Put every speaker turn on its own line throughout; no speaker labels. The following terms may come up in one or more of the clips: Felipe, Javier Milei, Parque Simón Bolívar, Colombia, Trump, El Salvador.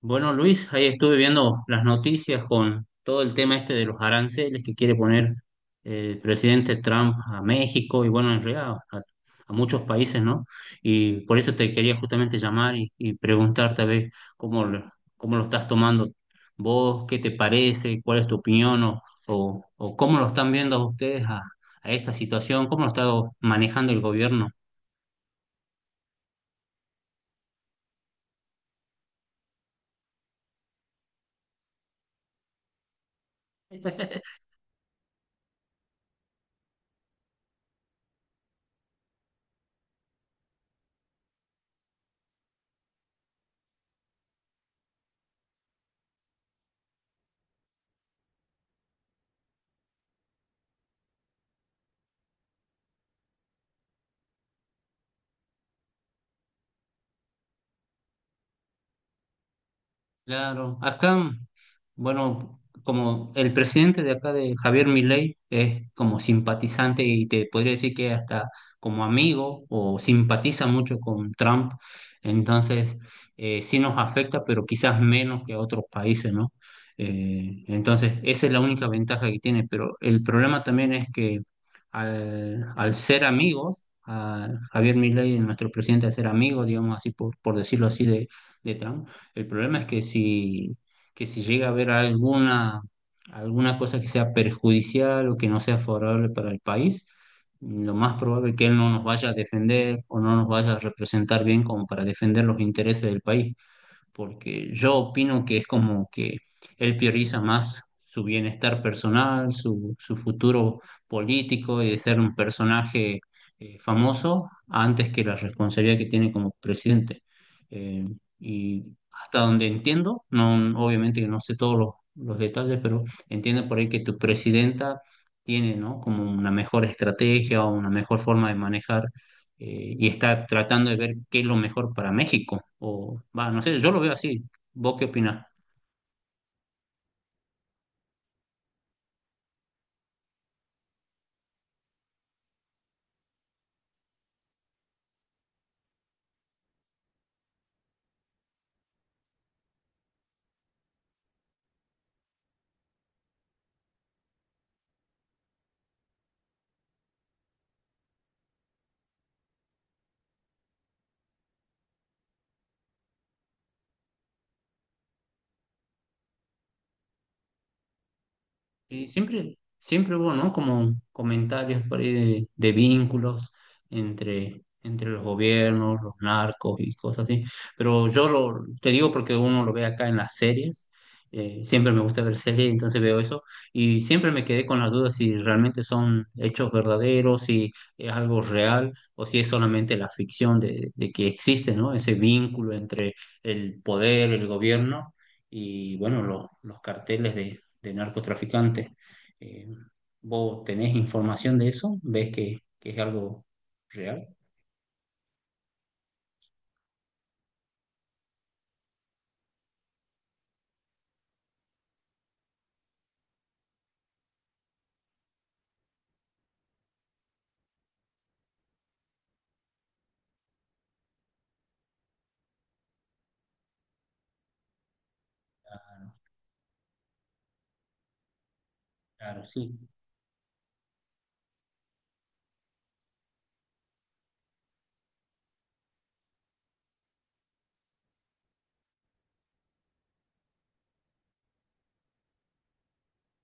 Bueno, Luis, ahí estuve viendo las noticias con todo el tema este de los aranceles que quiere poner el presidente Trump a México y bueno, en realidad a muchos países, ¿no? Y por eso te quería justamente llamar y preguntarte a ver cómo, lo- cómo lo estás tomando vos, qué te parece, cuál es tu opinión o cómo lo están viendo ustedes a esta situación, cómo lo está manejando el gobierno. Claro, acá, bueno, como el presidente de acá de Javier Milei es como simpatizante y te podría decir que hasta como amigo o simpatiza mucho con Trump, entonces sí nos afecta, pero quizás menos que a otros países, ¿no? Entonces esa es la única ventaja que tiene, pero el problema también es que al ser amigos, a Javier Milei, nuestro presidente, al ser amigo, digamos así, por decirlo así, de Trump, el problema es que que si llega a haber alguna cosa que sea perjudicial o que no sea favorable para el país, lo más probable es que él no nos vaya a defender o no nos vaya a representar bien como para defender los intereses del país porque yo opino que es como que él prioriza más su bienestar personal, su futuro político y de ser un personaje famoso antes que la responsabilidad que tiene como presidente. Eh, y hasta donde entiendo, no, obviamente que no sé todos los detalles, pero entiendo por ahí que tu presidenta tiene, ¿no? Como una mejor estrategia o una mejor forma de manejar y está tratando de ver qué es lo mejor para México. O, va, no sé, yo lo veo así. ¿Vos qué opinás? Y siempre, siempre hubo, ¿no? Como comentarios por ahí de vínculos entre los gobiernos, los narcos y cosas así. Pero yo lo, te digo porque uno lo ve acá en las series. Siempre me gusta ver series, entonces veo eso. Y siempre me quedé con la duda si realmente son hechos verdaderos, si es algo real o si es solamente la ficción de que existe, ¿no? Ese vínculo entre el poder, el gobierno y, bueno, los carteles de narcotraficantes. Eh, ¿Vos tenés información de eso? ¿Ves que es algo real? Claro, sí.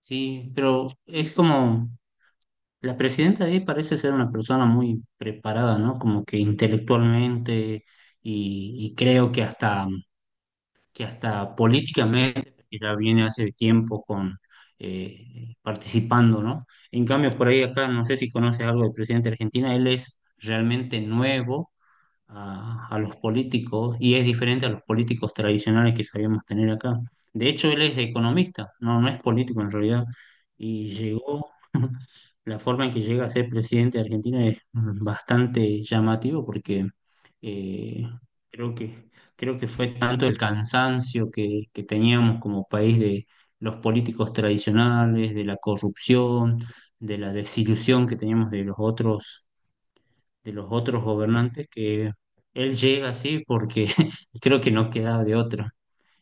Sí, pero es como la presidenta ahí parece ser una persona muy preparada, ¿no? Como que intelectualmente y creo que hasta políticamente ya viene hace tiempo con participando, ¿no? En cambio, por ahí acá, no sé si conoces algo del presidente de Argentina, él es realmente nuevo a los políticos y es diferente a los políticos tradicionales que sabíamos tener acá. De hecho, él es economista, no, no es político en realidad, y llegó, la forma en que llega a ser presidente de Argentina es bastante llamativo porque eh, creo que, creo que fue tanto el cansancio que teníamos como país de los políticos tradicionales, de la corrupción, de la desilusión que teníamos de los otros gobernantes que él llega así porque creo que no quedaba de otra.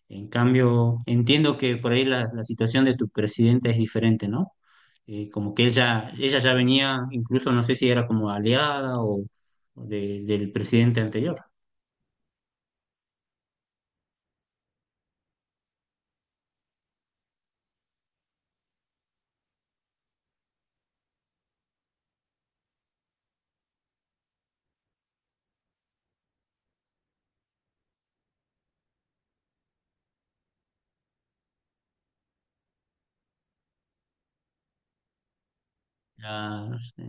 En cambio, entiendo que por ahí la situación de tu presidenta es diferente, ¿no? Como que ella ya venía, incluso no sé si era como aliada del presidente anterior. Ya, sí,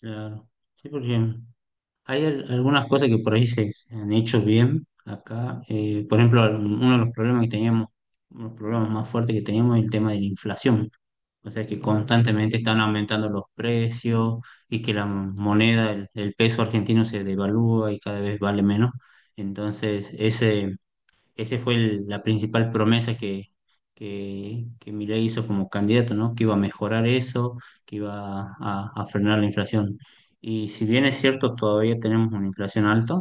claro. Sí, porque hay algunas cosas que por ahí se han hecho bien acá. Por ejemplo, uno de los problemas que teníamos, uno de los problemas más fuertes que teníamos es el tema de la inflación. O sea que constantemente están aumentando los precios y que la moneda, el peso argentino se devalúa y cada vez vale menos. Entonces, ese fue la principal promesa que Milei hizo como candidato, ¿no? Que iba a mejorar eso, que iba a frenar la inflación. Y si bien es cierto, todavía tenemos una inflación alta,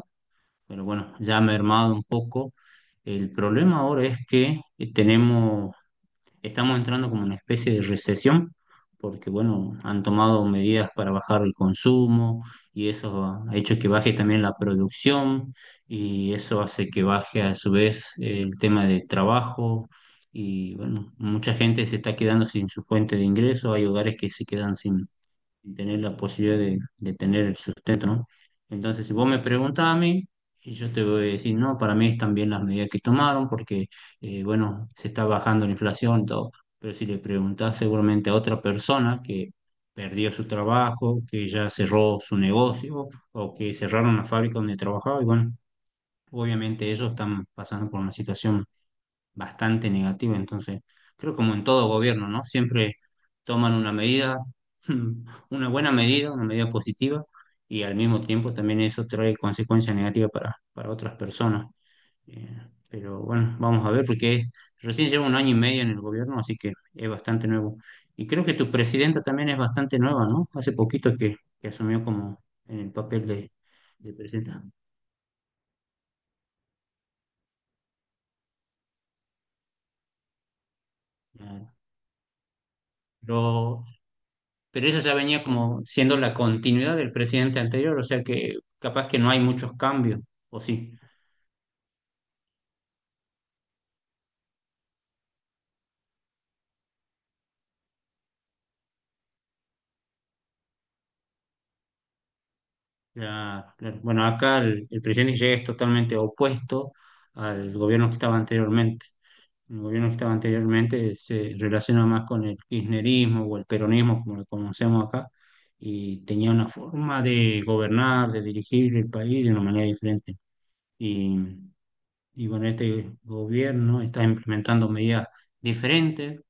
pero bueno, ya ha mermado un poco. El problema ahora es que tenemos estamos entrando como una especie de recesión, porque bueno, han tomado medidas para bajar el consumo y eso ha hecho que baje también la producción y eso hace que baje a su vez el tema de trabajo y bueno, mucha gente se está quedando sin su fuente de ingreso, hay hogares que se quedan sin y tener la posibilidad de tener el sustento, ¿no? Entonces, si vos me preguntas a mí, y yo te voy a decir, no, para mí están bien las medidas que tomaron porque, bueno, se está bajando la inflación y todo, pero si le preguntás seguramente a otra persona que perdió su trabajo, que ya cerró su negocio o que cerraron la fábrica donde trabajaba, y bueno, obviamente ellos están pasando por una situación bastante negativa. Entonces, creo como en todo gobierno, ¿no? Siempre toman una medida, una buena medida, una medida positiva, y al mismo tiempo también eso trae consecuencias negativas para otras personas. Eh, pero bueno, vamos a ver, porque recién llevo un año y medio en el gobierno, así que es bastante nuevo. Y creo que tu presidenta también es bastante nueva, ¿no? Hace poquito que asumió como en el papel de presidenta. Eh, Pero pero eso ya venía como siendo la continuidad del presidente anterior, o sea que capaz que no hay muchos cambios, o sí. Bueno, acá el presidente que llega es totalmente opuesto al gobierno que estaba anteriormente. El gobierno que estaba anteriormente se relaciona más con el kirchnerismo o el peronismo, como lo conocemos acá, y tenía una forma de gobernar, de dirigir el país de una manera diferente. Y bueno, este gobierno está implementando medidas diferentes,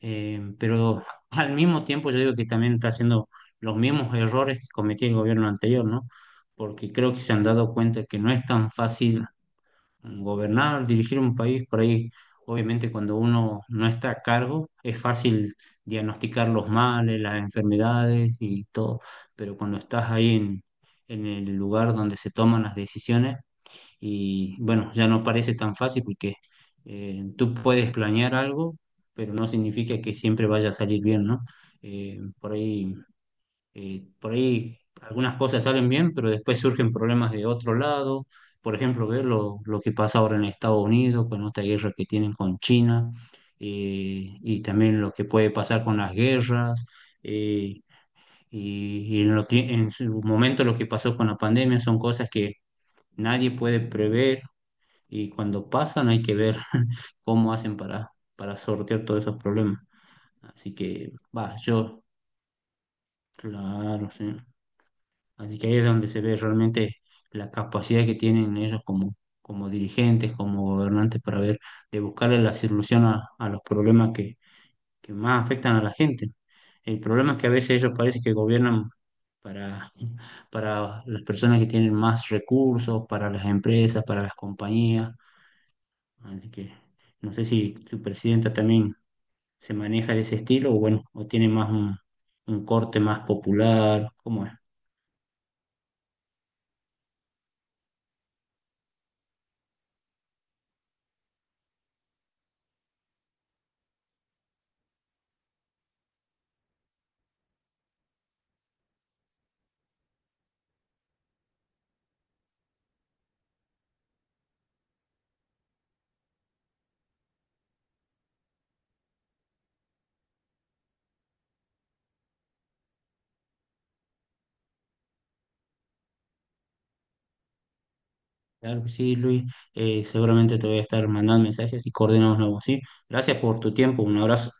pero al mismo tiempo yo digo que también está haciendo los mismos errores que cometía el gobierno anterior, ¿no? Porque creo que se han dado cuenta que no es tan fácil gobernar, dirigir un país, por ahí obviamente cuando uno no está a cargo es fácil diagnosticar los males, las enfermedades y todo, pero cuando estás ahí en el lugar donde se toman las decisiones, y bueno, ya no parece tan fácil porque tú puedes planear algo, pero no significa que siempre vaya a salir bien, ¿no? Eh, por ahí, por ahí algunas cosas salen bien, pero después surgen problemas de otro lado. Por ejemplo, ver lo que pasa ahora en Estados Unidos con esta guerra que tienen con China y también lo que puede pasar con las guerras. eh, en su momento lo que pasó con la pandemia son cosas que nadie puede prever y cuando pasan hay que ver cómo hacen para sortear todos esos problemas. Así que, va, yo, claro, sí. Así que ahí es donde se ve realmente la capacidad que tienen ellos como, como dirigentes, como gobernantes, para ver, de buscarle la solución a los problemas que más afectan a la gente. El problema es que a veces ellos parece que gobiernan para, para las personas que tienen más recursos, para las empresas, para las compañías. Así que no sé si su presidenta también se maneja de ese estilo o bueno, o tiene más un corte más popular, ¿cómo es? Claro que sí, Luis, seguramente te voy a estar mandando mensajes y coordinamos nuevos, ¿sí? Gracias por tu tiempo, un abrazo.